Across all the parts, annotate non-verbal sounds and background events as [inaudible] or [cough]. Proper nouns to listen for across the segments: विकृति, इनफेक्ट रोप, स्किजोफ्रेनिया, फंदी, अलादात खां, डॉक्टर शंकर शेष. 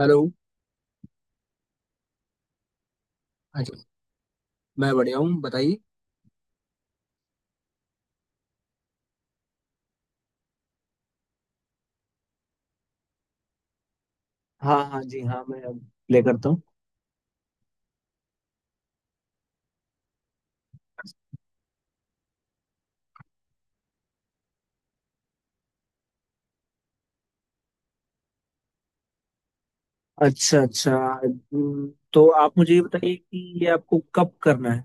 Hello. अच्छा। मैं बढ़िया हूँ, बताइए। हाँ हाँ जी हाँ, मैं अब प्ले करता हूँ। अच्छा अच्छा। हम्म, तो आप मुझे ये बताइए कि ये आपको कब करना है।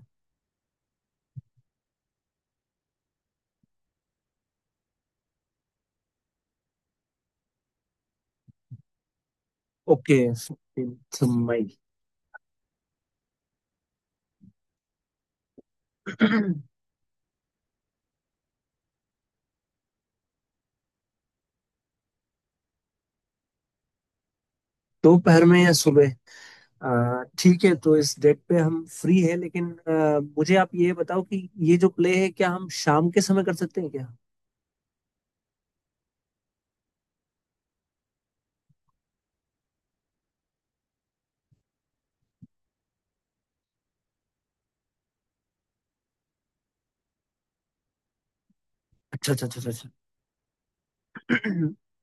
ओके 15th मई। [clears throat] दोपहर में या सुबह। ठीक है, तो इस डेट पे हम फ्री है, लेकिन मुझे आप ये बताओ कि ये जो प्ले है क्या हम शाम के समय कर सकते हैं क्या। अच्छा अच्छा अच्छा अच्छा अच्छा। [clears throat]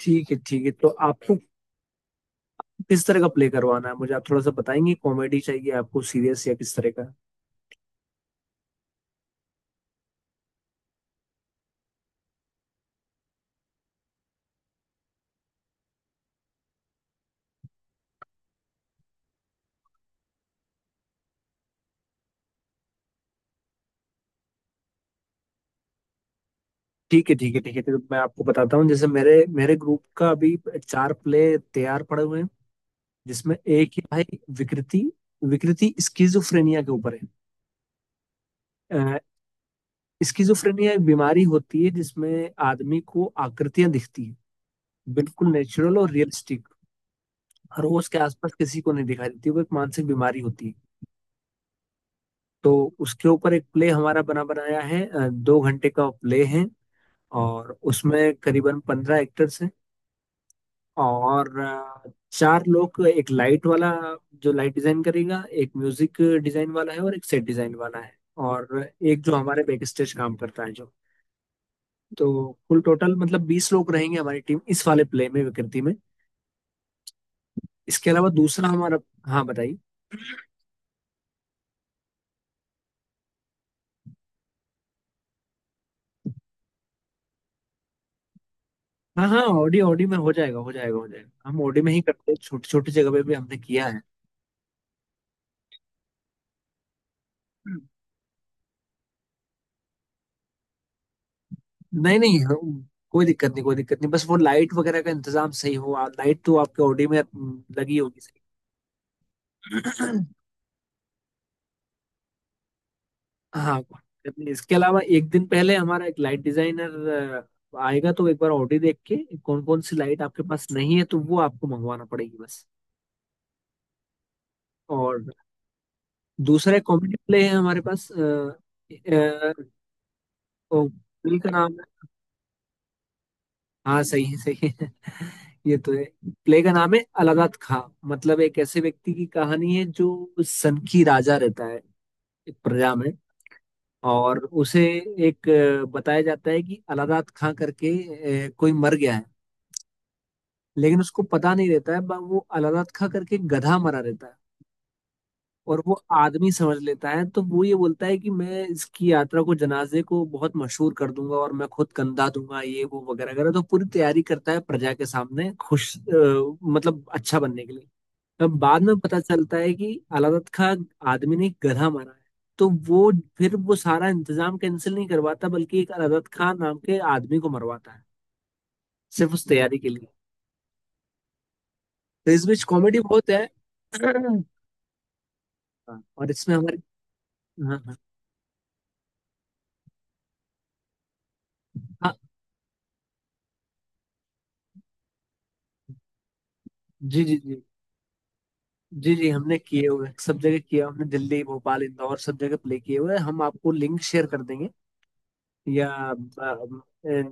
ठीक है ठीक है, तो आपको किस तरह का प्ले करवाना है, मुझे आप थोड़ा सा बताएंगे। कॉमेडी चाहिए आपको, सीरियस, या किस तरह का। ठीक है ठीक है ठीक है, तो मैं आपको बताता हूँ। जैसे मेरे मेरे ग्रुप का अभी चार प्ले तैयार पड़े हुए हैं, जिसमें एक ही भाई विकृति। विकृति स्किजोफ्रेनिया के ऊपर है। स्किजोफ्रेनिया एक बीमारी होती है जिसमें आदमी को आकृतियां दिखती है, बिल्कुल नेचुरल और रियलिस्टिक। रोज के आसपास किसी को नहीं दिखाई देती, वो एक मानसिक बीमारी होती है। तो उसके ऊपर एक प्ले हमारा बना बनाया है, दो घंटे का प्ले है और उसमें करीबन पंद्रह एक्टर्स हैं और चार लोग। एक लाइट वाला जो लाइट डिजाइन करेगा, एक म्यूजिक डिजाइन वाला है, और एक सेट डिजाइन वाला है और एक जो हमारे बैक स्टेज काम करता है जो। तो कुल टोटल मतलब बीस लोग रहेंगे हमारी टीम, इस वाले प्ले में, विकृति में। इसके अलावा दूसरा हमारा। हाँ बताइए। हाँ हाँ, ऑडी ऑडी में हो जाएगा, हो जाएगा हो जाएगा। हम ऑडी में ही करते हैं, छोटी छोटी जगह पे भी हमने किया है। हम्म। नहीं नहीं, कोई दिक्कत नहीं, कोई दिक्कत नहीं। बस वो लाइट वगैरह का इंतजाम सही हो। लाइट तो आपके ऑडी में लगी होगी। सही। हाँ, करनी है। इसके अलावा एक दिन पहले हमारा एक लाइट डिजाइनर आएगा, तो एक बार ऑडी देख के कौन कौन सी लाइट आपके पास नहीं है, तो वो आपको मंगवाना पड़ेगी बस। और दूसरा कॉमेडी प्ले है हमारे पास। अ, ओ, प्ले का नाम है। हाँ सही है सही है। [laughs] ये तो है। प्ले का नाम है अलादात खां। मतलब एक ऐसे व्यक्ति की कहानी है जो सन की राजा रहता है एक प्रजा में, और उसे एक बताया जाता है कि अलादात खां करके कोई मर गया है। लेकिन उसको पता नहीं रहता है, वो अलादत खा करके गधा मरा रहता है। और वो आदमी समझ लेता है, तो वो ये बोलता है कि मैं इसकी यात्रा को, जनाजे को बहुत मशहूर कर दूंगा, और मैं खुद कंधा दूंगा, ये वो वगैरह वगैरह। तो पूरी तैयारी करता है प्रजा के सामने खुश, मतलब अच्छा बनने के लिए। तब बाद में पता चलता है कि अलादत खां आदमी ने गधा मारा है। तो वो फिर वो सारा इंतजाम कैंसिल नहीं करवाता, बल्कि एक अलादत खां नाम के आदमी को मरवाता है, सिर्फ उस तैयारी के लिए। तो इस बीच कॉमेडी बहुत है। [clears throat] हाँ, और इसमें हमारे। हाँ हाँ। हाँ, जी जी जी। जी जी, हमने किए हुए हैं, सब जगह किया हमने, दिल्ली भोपाल इंदौर सब जगह प्ले किए हुए हैं हम। आपको लिंक शेयर कर देंगे, या अ,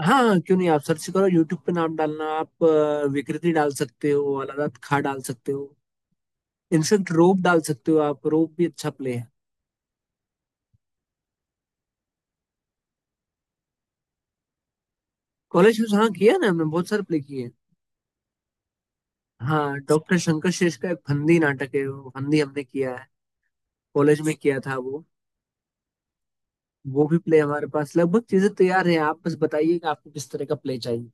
हाँ हाँ, क्यों नहीं। आप सर्च करो यूट्यूब पे, नाम डालना आप, विकृति डाल सकते हो, अलारात खा डाल सकते हो। इनफेक्ट रोप डाल सकते हो, आप रोप भी अच्छा प्ले है। कॉलेज में, हाँ किया है ना, हमने बहुत सारे प्ले किए हैं। हाँ, डॉक्टर शंकर शेष का एक फंदी नाटक है, वो फंदी हमने किया है कॉलेज में, किया था वो। वो भी प्ले हमारे पास लगभग चीजें तैयार हैं। आप बस बताइए कि आपको किस तरह का प्ले चाहिए।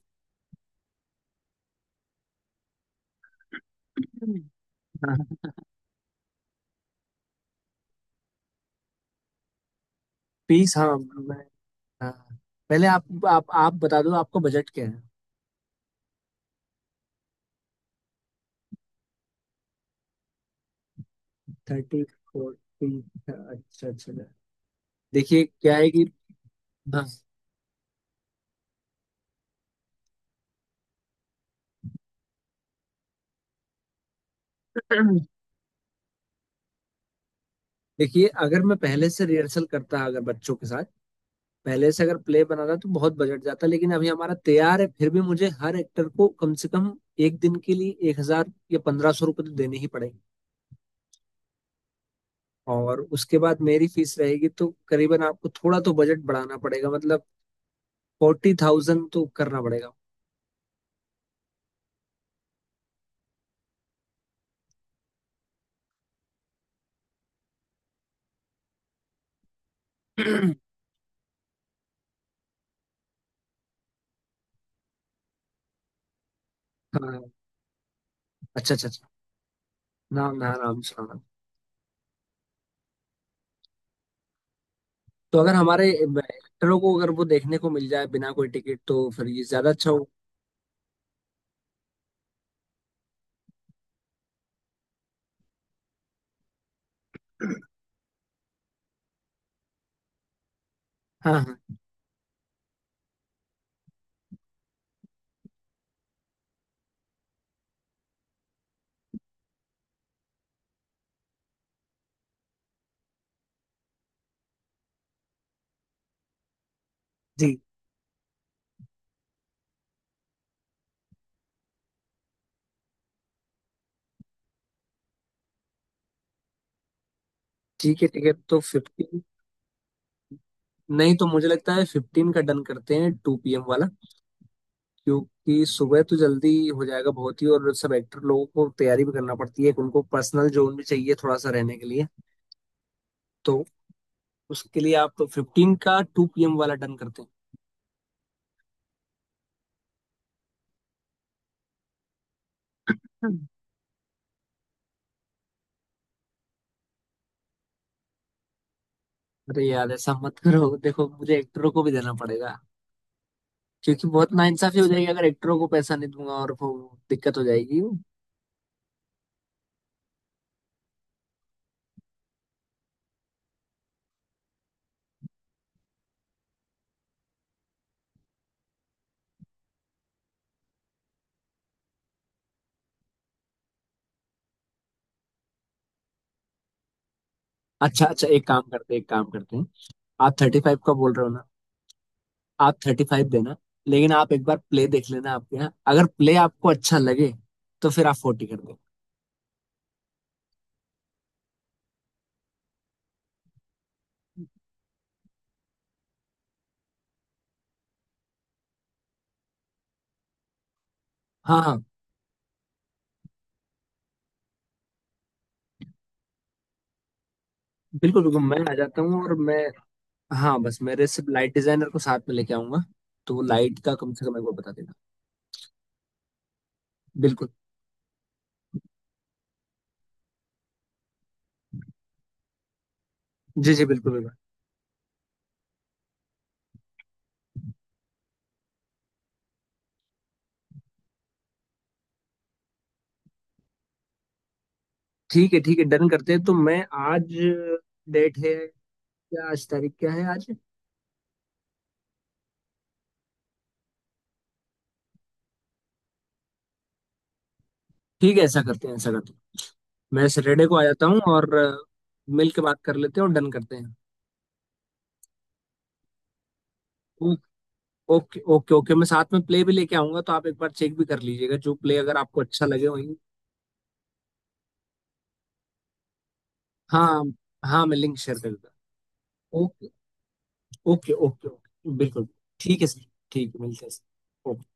हाँ, पीस, हाँ मैं, हाँ, पहले आप बता दो, आपका बजट क्या है। Thirty forty. अच्छा अच्छा। देखिए क्या है कि, हाँ, देखिए अगर मैं पहले से रिहर्सल करता, अगर बच्चों के साथ पहले से अगर प्ले बनाता तो बहुत बजट जाता। लेकिन अभी हमारा तैयार है, फिर भी मुझे हर एक्टर को कम से कम एक दिन के लिए एक हजार या पंद्रह सौ रुपये तो देने ही पड़ेंगे। और उसके बाद मेरी फीस रहेगी, तो करीबन आपको थोड़ा तो बजट बढ़ाना पड़ेगा, मतलब फोर्टी थाउजेंड तो करना पड़ेगा। [clears throat] हाँ, अच्छा अच्छा अच्छा। नाम, हाँ नाम सुना। तो अगर हमारे एक्टरों को अगर वो देखने को मिल जाए बिना कोई टिकट, तो फिर ये ज्यादा अच्छा हो। [clears throat] हाँ हाँ जी। ठीक है, टिकट तो फिफ्टीन, नहीं तो मुझे लगता है फिफ्टीन का डन करते हैं, टू पीएम वाला। क्योंकि सुबह तो जल्दी हो जाएगा बहुत ही, और सब एक्टर लोगों को तैयारी भी करना पड़ती है, उनको पर्सनल जोन भी चाहिए थोड़ा सा रहने के लिए। तो उसके लिए आप, तो फिफ्टीन का टू पीएम वाला डन करते हैं। हम्म। अरे यार, ऐसा मत करो, देखो मुझे एक्टरों को भी देना पड़ेगा, क्योंकि बहुत नाइंसाफी हो जाएगी अगर एक्टरों को पैसा नहीं दूंगा, और वो दिक्कत हो जाएगी। अच्छा अच्छा, एक काम करते हैं, एक काम करते हैं। आप थर्टी फाइव का बोल रहे हो ना, आप थर्टी फाइव देना, लेकिन आप एक बार प्ले देख लेना। आपके यहाँ अगर प्ले आपको अच्छा लगे, तो फिर आप फोर्टी कर दो। हाँ हाँ, बिल्कुल बिल्कुल, मैं आ जाता हूँ। और मैं, हाँ, बस मेरे सिर्फ लाइट डिजाइनर को साथ में लेके आऊंगा, तो लाइट का कम से कम एक बार बता देना। बिल्कुल, जी जी, बिल्कुल बिल्कुल। ठीक है ठीक है, डन करते हैं। तो मैं आज, डेट है क्या, आज तारीख क्या है आज। ठीक है, ऐसा करते हैं, ऐसा करते हैं, मैं सैटरडे को आ जाता हूँ और मिल के बात कर लेते हैं और डन करते हैं। ओ- ओके ओके ओके, मैं साथ में प्ले भी लेके आऊंगा, तो आप एक बार चेक भी कर लीजिएगा, जो प्ले अगर आपको अच्छा लगे वही। हाँ हाँ, मैं लिंक शेयर कर दूंगा। ओके ओके ओके ओके बिल्कुल। ठीक है सर, ठीक है मिलते हैं सर। ओके।